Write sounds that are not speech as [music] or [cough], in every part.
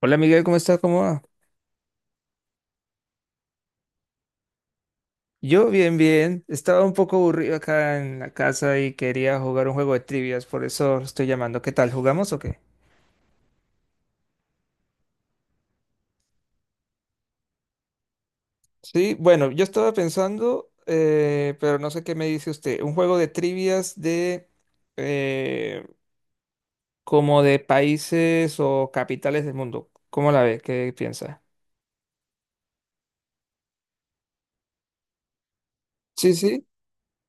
Hola Miguel, ¿cómo estás? ¿Cómo va? Yo bien, bien. Estaba un poco aburrido acá en la casa y quería jugar un juego de trivias, por eso estoy llamando. ¿Qué tal? ¿Jugamos o qué? Sí, bueno, yo estaba pensando, pero no sé qué me dice usted. Un juego de trivias de eh, como de países o capitales del mundo. ¿Cómo la ve? ¿Qué piensa? Sí, sí.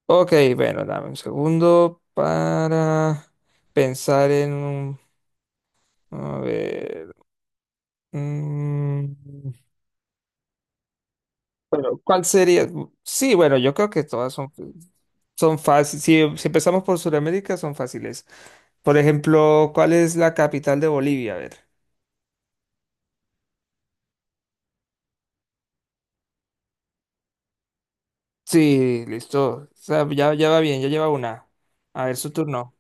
Ok, bueno, dame un segundo para pensar en un. A ver. mm. Bueno, ¿cuál sería? Sí, bueno, yo creo que son fáciles. Si empezamos por Sudamérica, son fáciles. Por ejemplo, ¿cuál es la capital de Bolivia? A ver. Sí, listo. O sea, ya va bien, ya lleva una. A ver, su turno.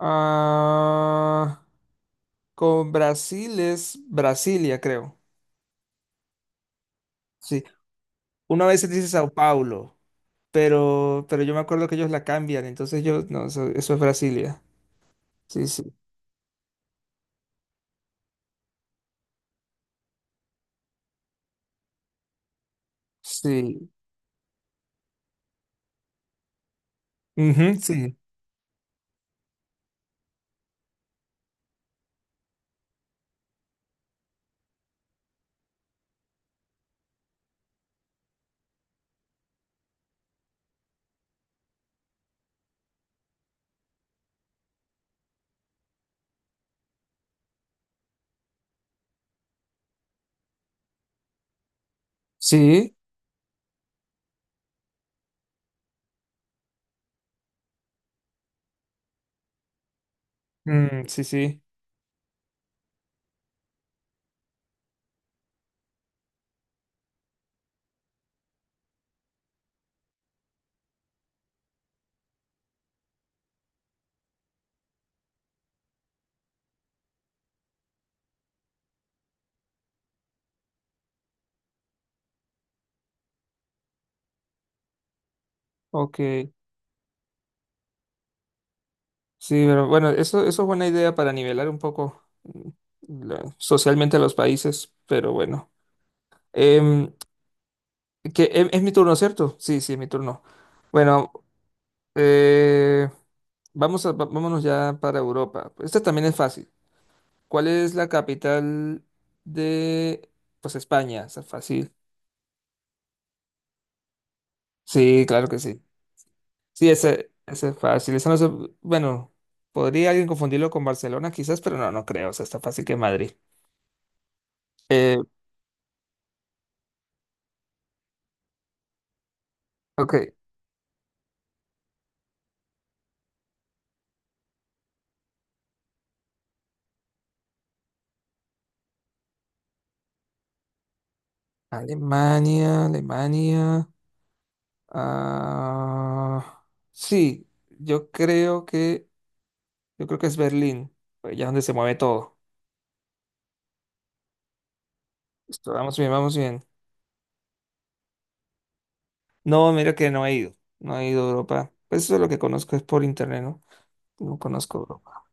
Ah, con Brasil es Brasilia, creo. Sí, una vez se dice Sao Paulo, pero yo me acuerdo que ellos la cambian, entonces yo, no, eso es Brasilia. Sí, sí, sí. Ujú, sí, sí. Mm, sí, sí, ok. Sí, pero bueno, eso es buena idea para nivelar un poco socialmente a los países, pero bueno. Em, es mi turno, ¿cierto? Sí, sí, es mi turno. Bueno, eh, vamos a, vámonos ya para Europa. Esta también es fácil. ¿Cuál es la capital de, pues, España? Está fácil. Sí, claro que sí. Sí, ese es fácil. Eso no se- bueno, podría alguien confundirlo con Barcelona quizás, pero no, no creo. O sea, está fácil que Madrid. Eh, ok. Alemania, Alemania. Ah, sí, yo creo que es Berlín. Pues ya es donde se mueve todo. Listo, vamos bien, vamos bien. No, mira que no he ido. No he ido a Europa. Pues eso es lo que conozco es por internet, ¿no? No conozco Europa.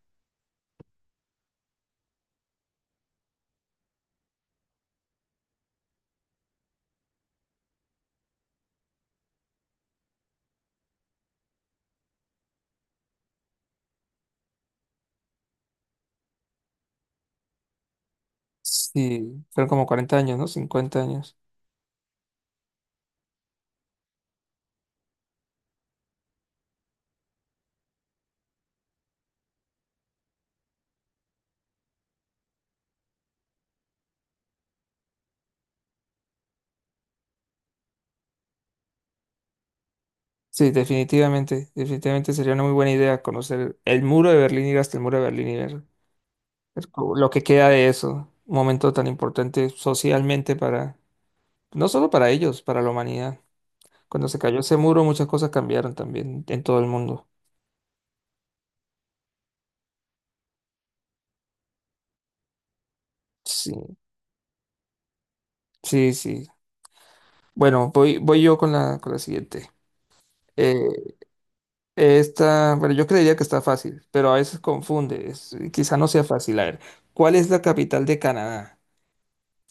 Sí, fueron como 40 años, ¿no? 50 años. Sí, definitivamente, definitivamente sería una muy buena idea conocer el muro de Berlín, ir hasta el muro de Berlín y ver lo que queda de eso, un momento tan importante socialmente para, no solo para ellos, para la humanidad. Cuando se cayó ese muro, muchas cosas cambiaron también en todo el mundo. Sí, sí, sí. Bueno, voy yo con con la siguiente. Eh, esta, bueno, yo creería que está fácil, pero a veces confunde. Quizá no sea fácil. A ver, ¿cuál es la capital de Canadá?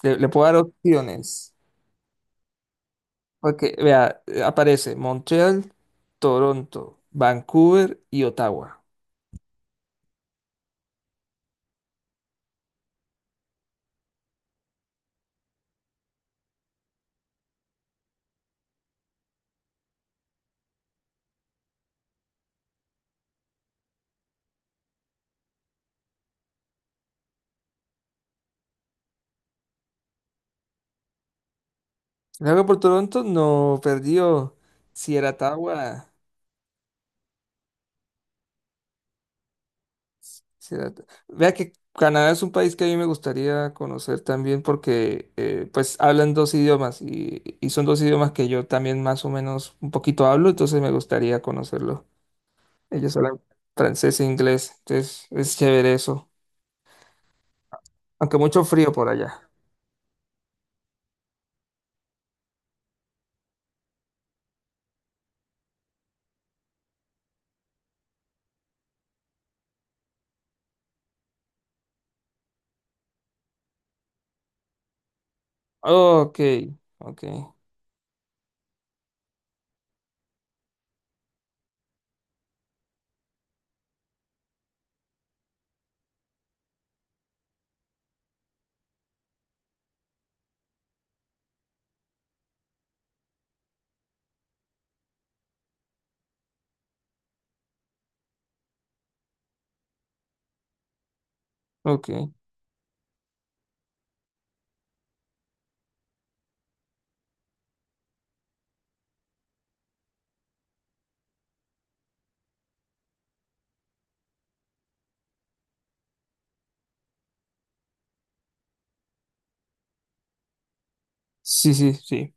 Le puedo dar opciones. Porque, vea, aparece Montreal, Toronto, Vancouver y Ottawa. Si le hago por Toronto, no perdió. Si era Ottawa. Sí, da- Vea que Canadá es un país que a mí me gustaría conocer también porque pues hablan dos idiomas y son dos idiomas que yo también más o menos un poquito hablo, entonces me gustaría conocerlo. Ellos hablan francés e inglés, entonces es chévere eso, aunque mucho frío por allá. Ok, ok, ok. Sí, sí, sí.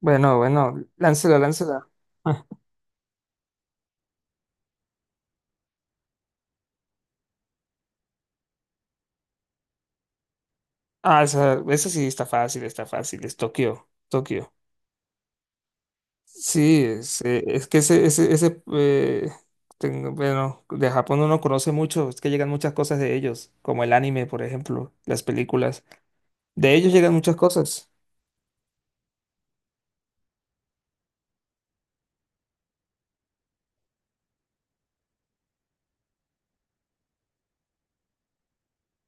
Bueno, bueno, láncela, láncela. [laughs] Ah, esa sí está fácil, es Tokio, Tokio. Sí, es que ese bueno, de Japón uno conoce mucho, es que llegan muchas cosas de ellos, como el anime, por ejemplo, las películas. De ellos llegan muchas cosas.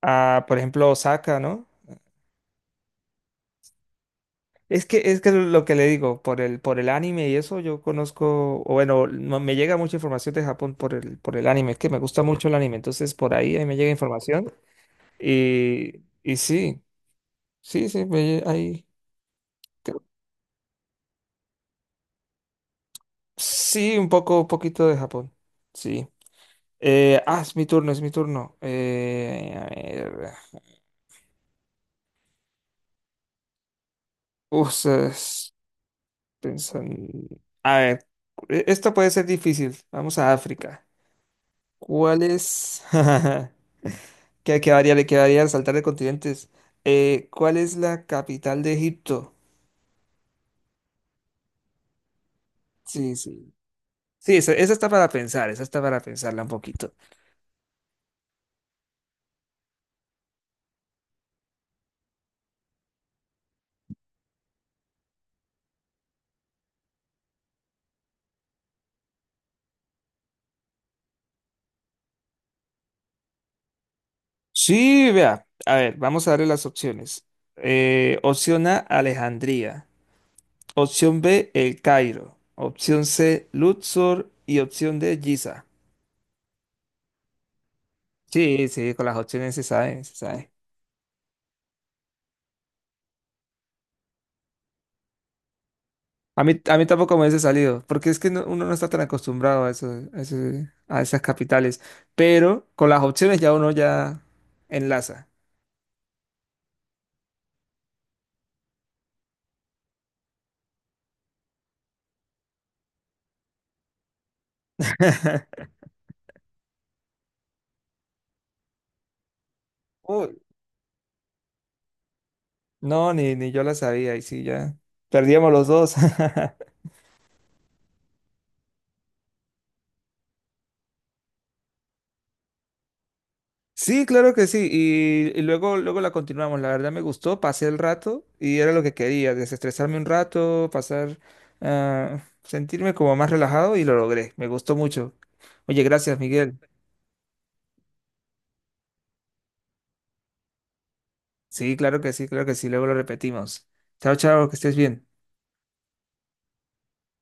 Ah, por ejemplo, Osaka, ¿no? Es que lo que le digo, por por el anime y eso yo conozco, o bueno, me llega mucha información de Japón por por el anime, es que me gusta mucho el anime, entonces por ahí, ahí me llega información y, y sí, sí, sí, ahí. Sí, un poco, un poquito de Japón. Sí. Es mi turno, es mi turno. A ver. Uf, es- pensan- A ver, esto puede ser difícil. Vamos a África. ¿Cuál es? [laughs] ¿Qué quedaría? Le quedaría saltar de continentes. ¿Cuál es la capital de Egipto? Sí, sí. Sí, esa está para pensar, esa está para pensarla un poquito. Sí, vea. A ver, vamos a darle las opciones. Opción A, Alejandría. Opción B, El Cairo. Opción C, Luxor. Y opción D, Giza. Sí, sí, con las opciones se sabe, se sabe. A mí tampoco me hubiese salido, porque es que uno no está tan acostumbrado a eso, a esas capitales. Pero con las opciones ya uno ya enlaza. [laughs] Uy, no, ni yo la sabía, y sí, ya perdíamos los dos. [laughs] Sí, claro que sí. Y luego, luego la continuamos. La verdad me gustó, pasé el rato y era lo que quería, desestresarme un rato, pasar, ah, sentirme como más relajado y lo logré. Me gustó mucho. Oye, gracias, Miguel. Sí, claro que sí, claro que sí. Luego lo repetimos. Chao, chao, que estés bien.